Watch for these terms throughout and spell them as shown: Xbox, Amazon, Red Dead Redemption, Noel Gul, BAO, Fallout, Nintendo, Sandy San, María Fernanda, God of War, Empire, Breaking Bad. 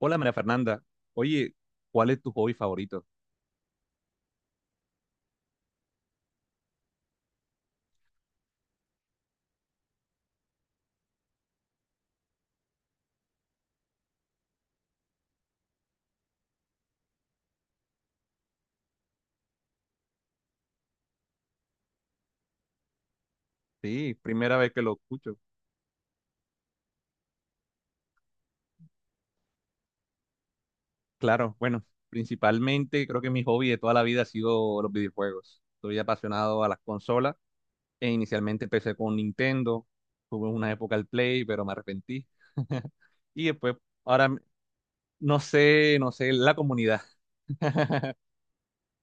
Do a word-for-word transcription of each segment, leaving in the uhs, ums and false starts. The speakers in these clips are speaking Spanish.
Hola María Fernanda, oye, ¿cuál es tu hobby favorito? Sí, primera vez que lo escucho. Claro, bueno, principalmente creo que mi hobby de toda la vida ha sido los videojuegos. Soy apasionado a las consolas e inicialmente empecé con Nintendo, tuve una época al Play, pero me arrepentí. Y después, ahora m- no sé, no sé, la comunidad.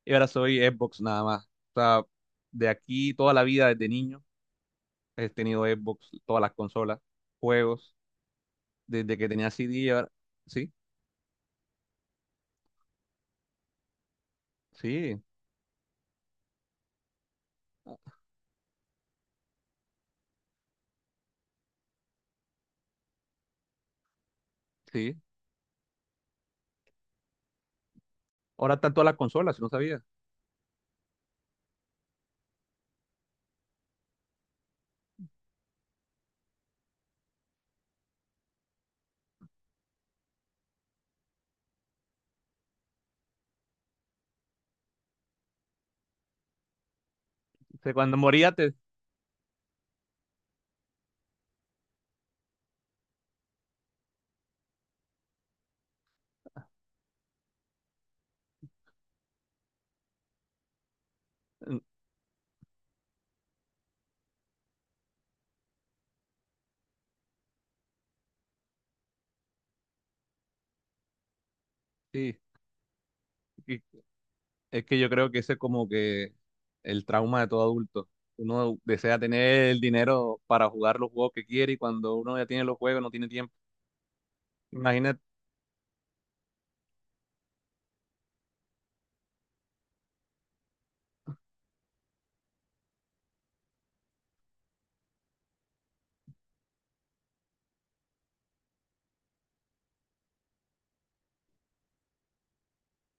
Y ahora soy Xbox nada más. O sea, de aquí toda la vida desde niño he tenido Xbox, todas las consolas, juegos, desde que tenía C D, ahora- ¿sí? Sí, sí. Ahora tanto a la consola, si no sabía. O sea, cuando moría te. Sí, y es que yo creo que ese es como que el trauma de todo adulto. Uno desea tener el dinero para jugar los juegos que quiere y cuando uno ya tiene los juegos no tiene tiempo. Imagínate,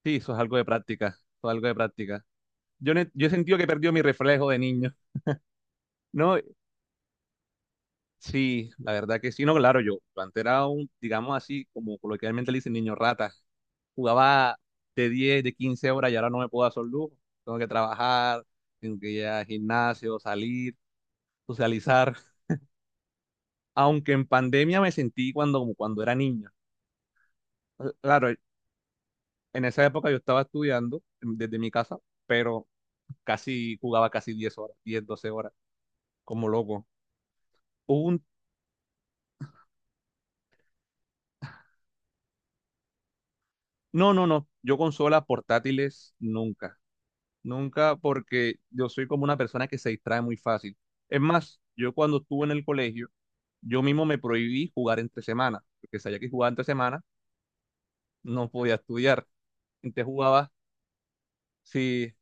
sí, eso es algo de práctica, eso es algo de práctica. Yo, ne- yo he sentido que he perdido mi reflejo de niño, ¿no? Sí, la verdad que sí, no, claro, yo antes era un, digamos así, como coloquialmente le dicen, niño rata. Jugaba de diez, de quince horas y ahora no me puedo hacer lujo. Tengo que trabajar, tengo que ir al gimnasio, salir, socializar. Aunque en pandemia me sentí cuando, como cuando era niño. Claro, en esa época yo estaba estudiando em, desde mi casa, pero casi jugaba casi diez horas, diez, doce horas, como loco. Hubo un, no, no, no, yo consolas portátiles nunca. Nunca, porque yo soy como una persona que se distrae muy fácil. Es más, yo cuando estuve en el colegio, yo mismo me prohibí jugar entre semanas, porque sabía que jugaba entre semanas, no podía estudiar. Entonces jugaba, sí,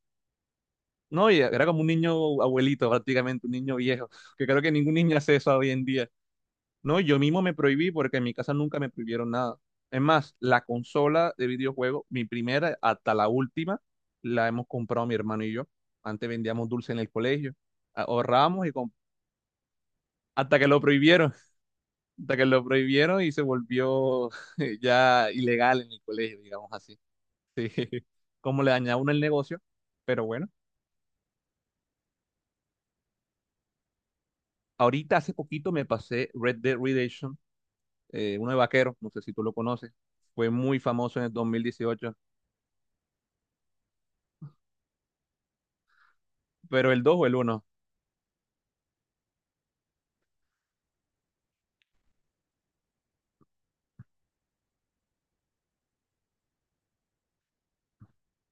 no, y era como un niño abuelito prácticamente, un niño viejo, que creo que ningún niño hace eso hoy en día. No, yo mismo me prohibí porque en mi casa nunca me prohibieron nada. Es más, la consola de videojuegos, mi primera hasta la última, la hemos comprado mi hermano y yo. Antes vendíamos dulce en el colegio, ahorramos y compramos. Hasta que lo prohibieron, hasta que lo prohibieron y se volvió ya ilegal en el colegio, digamos así. Sí, como le dañaba uno el negocio, pero bueno. Ahorita hace poquito me pasé Red Dead Redemption, eh, uno de vaqueros, no sé si tú lo conoces, fue muy famoso en el dos mil dieciocho, pero el dos o el uno.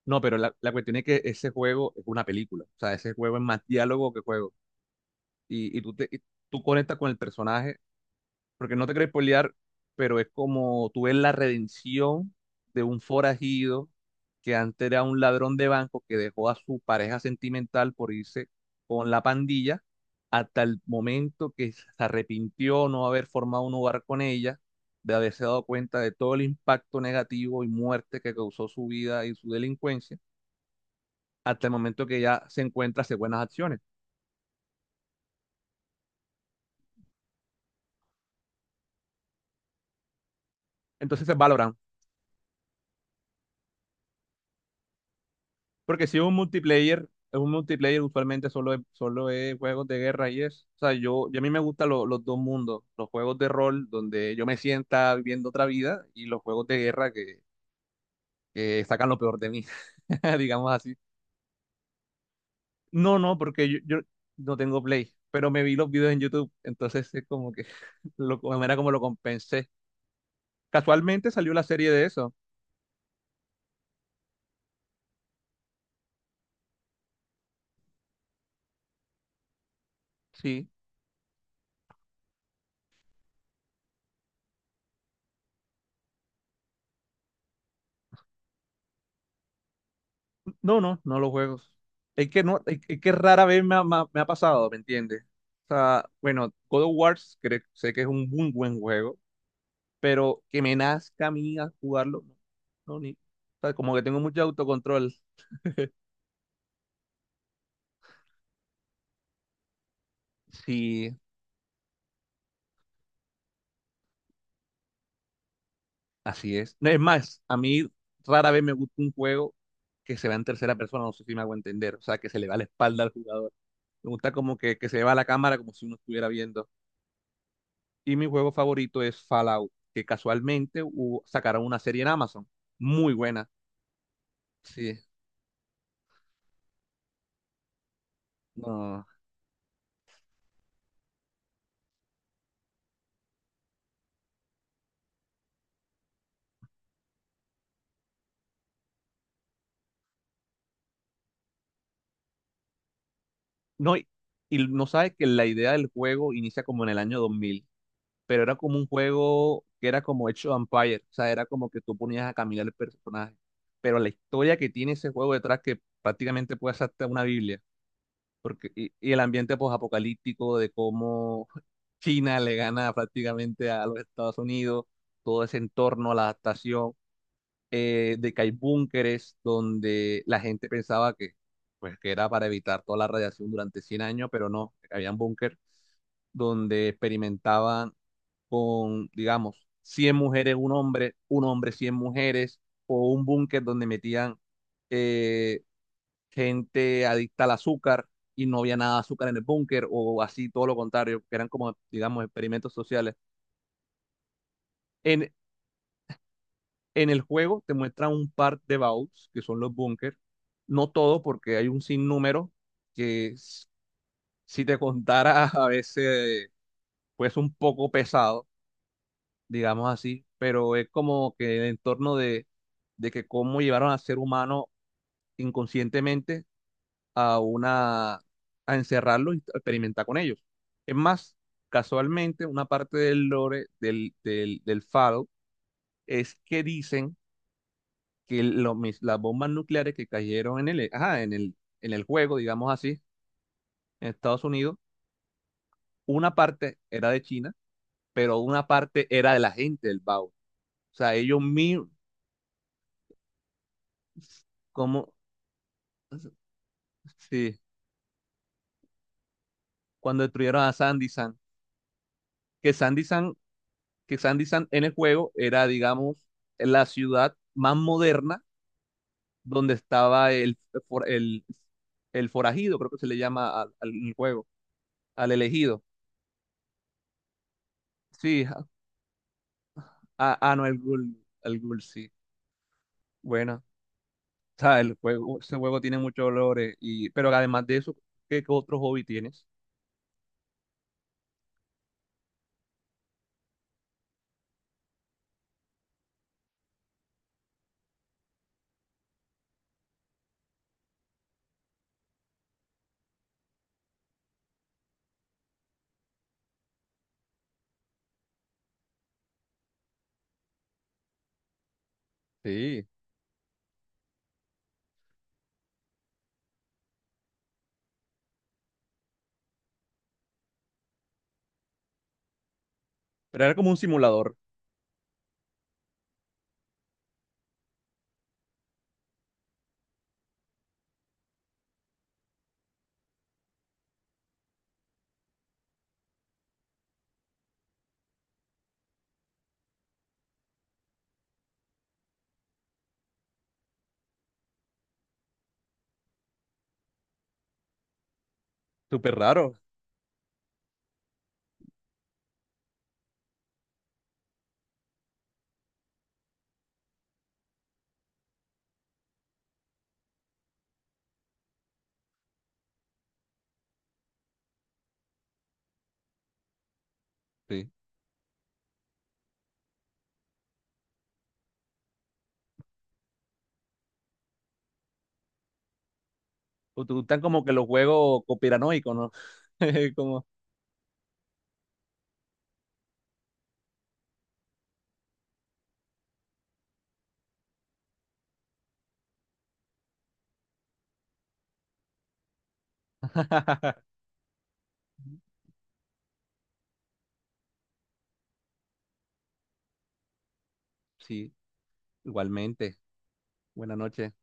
No, pero la, la cuestión es que ese juego es una película, o sea, ese juego es más diálogo que juego, y, y tú, te, y tú conectas con el personaje porque no te querés spoilear, pero es como tú ves la redención de un forajido que antes era un ladrón de banco que dejó a su pareja sentimental por irse con la pandilla hasta el momento que se arrepintió no haber formado un hogar con ella, de haberse dado cuenta de todo el impacto negativo y muerte que causó su vida y su delincuencia, hasta el momento que ya se encuentra hace buenas acciones. Entonces es. Porque si es un multiplayer, es un multiplayer usualmente solo es, solo es juegos de guerra y es. O sea, yo, yo a mí me gustan lo- los dos mundos, los juegos de rol donde yo me sienta viviendo otra vida y los juegos de guerra que, que sacan lo peor de mí, digamos así. No, no, porque yo, yo no tengo Play, pero me vi los videos en YouTube, entonces es como que lo, de manera como lo compensé. Casualmente salió la serie de eso. Sí. No, no, no los juegos. Es que no, es, es que rara vez me ha, me ha- me ha pasado, ¿me entiendes? O sea, bueno, God of War cre- sé que es un muy buen juego, pero que me nazca a mí a jugarlo, no, no, ni. O sea, como que tengo mucho autocontrol. Sí, así es. No, es más, a mí rara vez me gusta un juego que se va en tercera persona, no sé si me hago entender, o sea, que se le va la espalda al jugador. Me gusta como que, que, se le va la cámara como si uno estuviera viendo. Y mi juego favorito es Fallout, que casualmente hubo- sacaron una serie en Amazon. Muy buena. Sí. No, no, y, y no sabes que la idea del juego inicia como en el año dos mil, pero era como un juego que era como hecho Empire. O sea, era como que tú ponías a caminar el personaje. Pero la historia que tiene ese juego detrás, que prácticamente puede ser hasta una Biblia. Porque, y, y el ambiente posapocalíptico de cómo China le gana prácticamente a los Estados Unidos, todo ese entorno, la adaptación. eh, de que hay búnkeres donde la gente pensaba que, pues, que era para evitar toda la radiación durante cien años, pero no, habían búnker donde experimentaban con, digamos, cien mujeres, un hombre, un hombre, cien mujeres, o un búnker donde metían eh, gente adicta al azúcar y no había nada de azúcar en el búnker, o así, todo lo contrario, que eran como, digamos, experimentos sociales. En, En el juego te muestra un par de vaults, que son los búnkers. No todo, porque hay un sinnúmero que s- si te contara, a veces, pues un poco pesado, digamos así, pero es como que el entorno de, de que cómo llevaron al ser humano inconscientemente a una, a encerrarlo y experimentar con ellos. Es más, casualmente, una parte del lore del, del, del Fallout es que dicen que lo mis- las bombas nucleares que cayeron en el, eh, ajá, en el, en el juego, digamos así, en Estados Unidos, una parte era de China, pero una parte era de la gente del BAO. O sea, ellos mismos, como, sí, cuando destruyeron a Sandy San, que Sandy San, que Sandy San, en el juego era, digamos, la ciudad más moderna donde estaba el, for- el, el forajido, creo que se le llama al, al juego, al elegido. Sí, a, a Noel Gul. Buena. O sea, el juego, ese juego tiene muchos olores. Y, pero además de eso, ¿qué, qué otro hobby tienes? Sí. Pero era como un simulador. Súper raro. Sí. Te gustan como que los juegos conspiranoicos, ¿no? Como. Sí, igualmente. Buenas noches.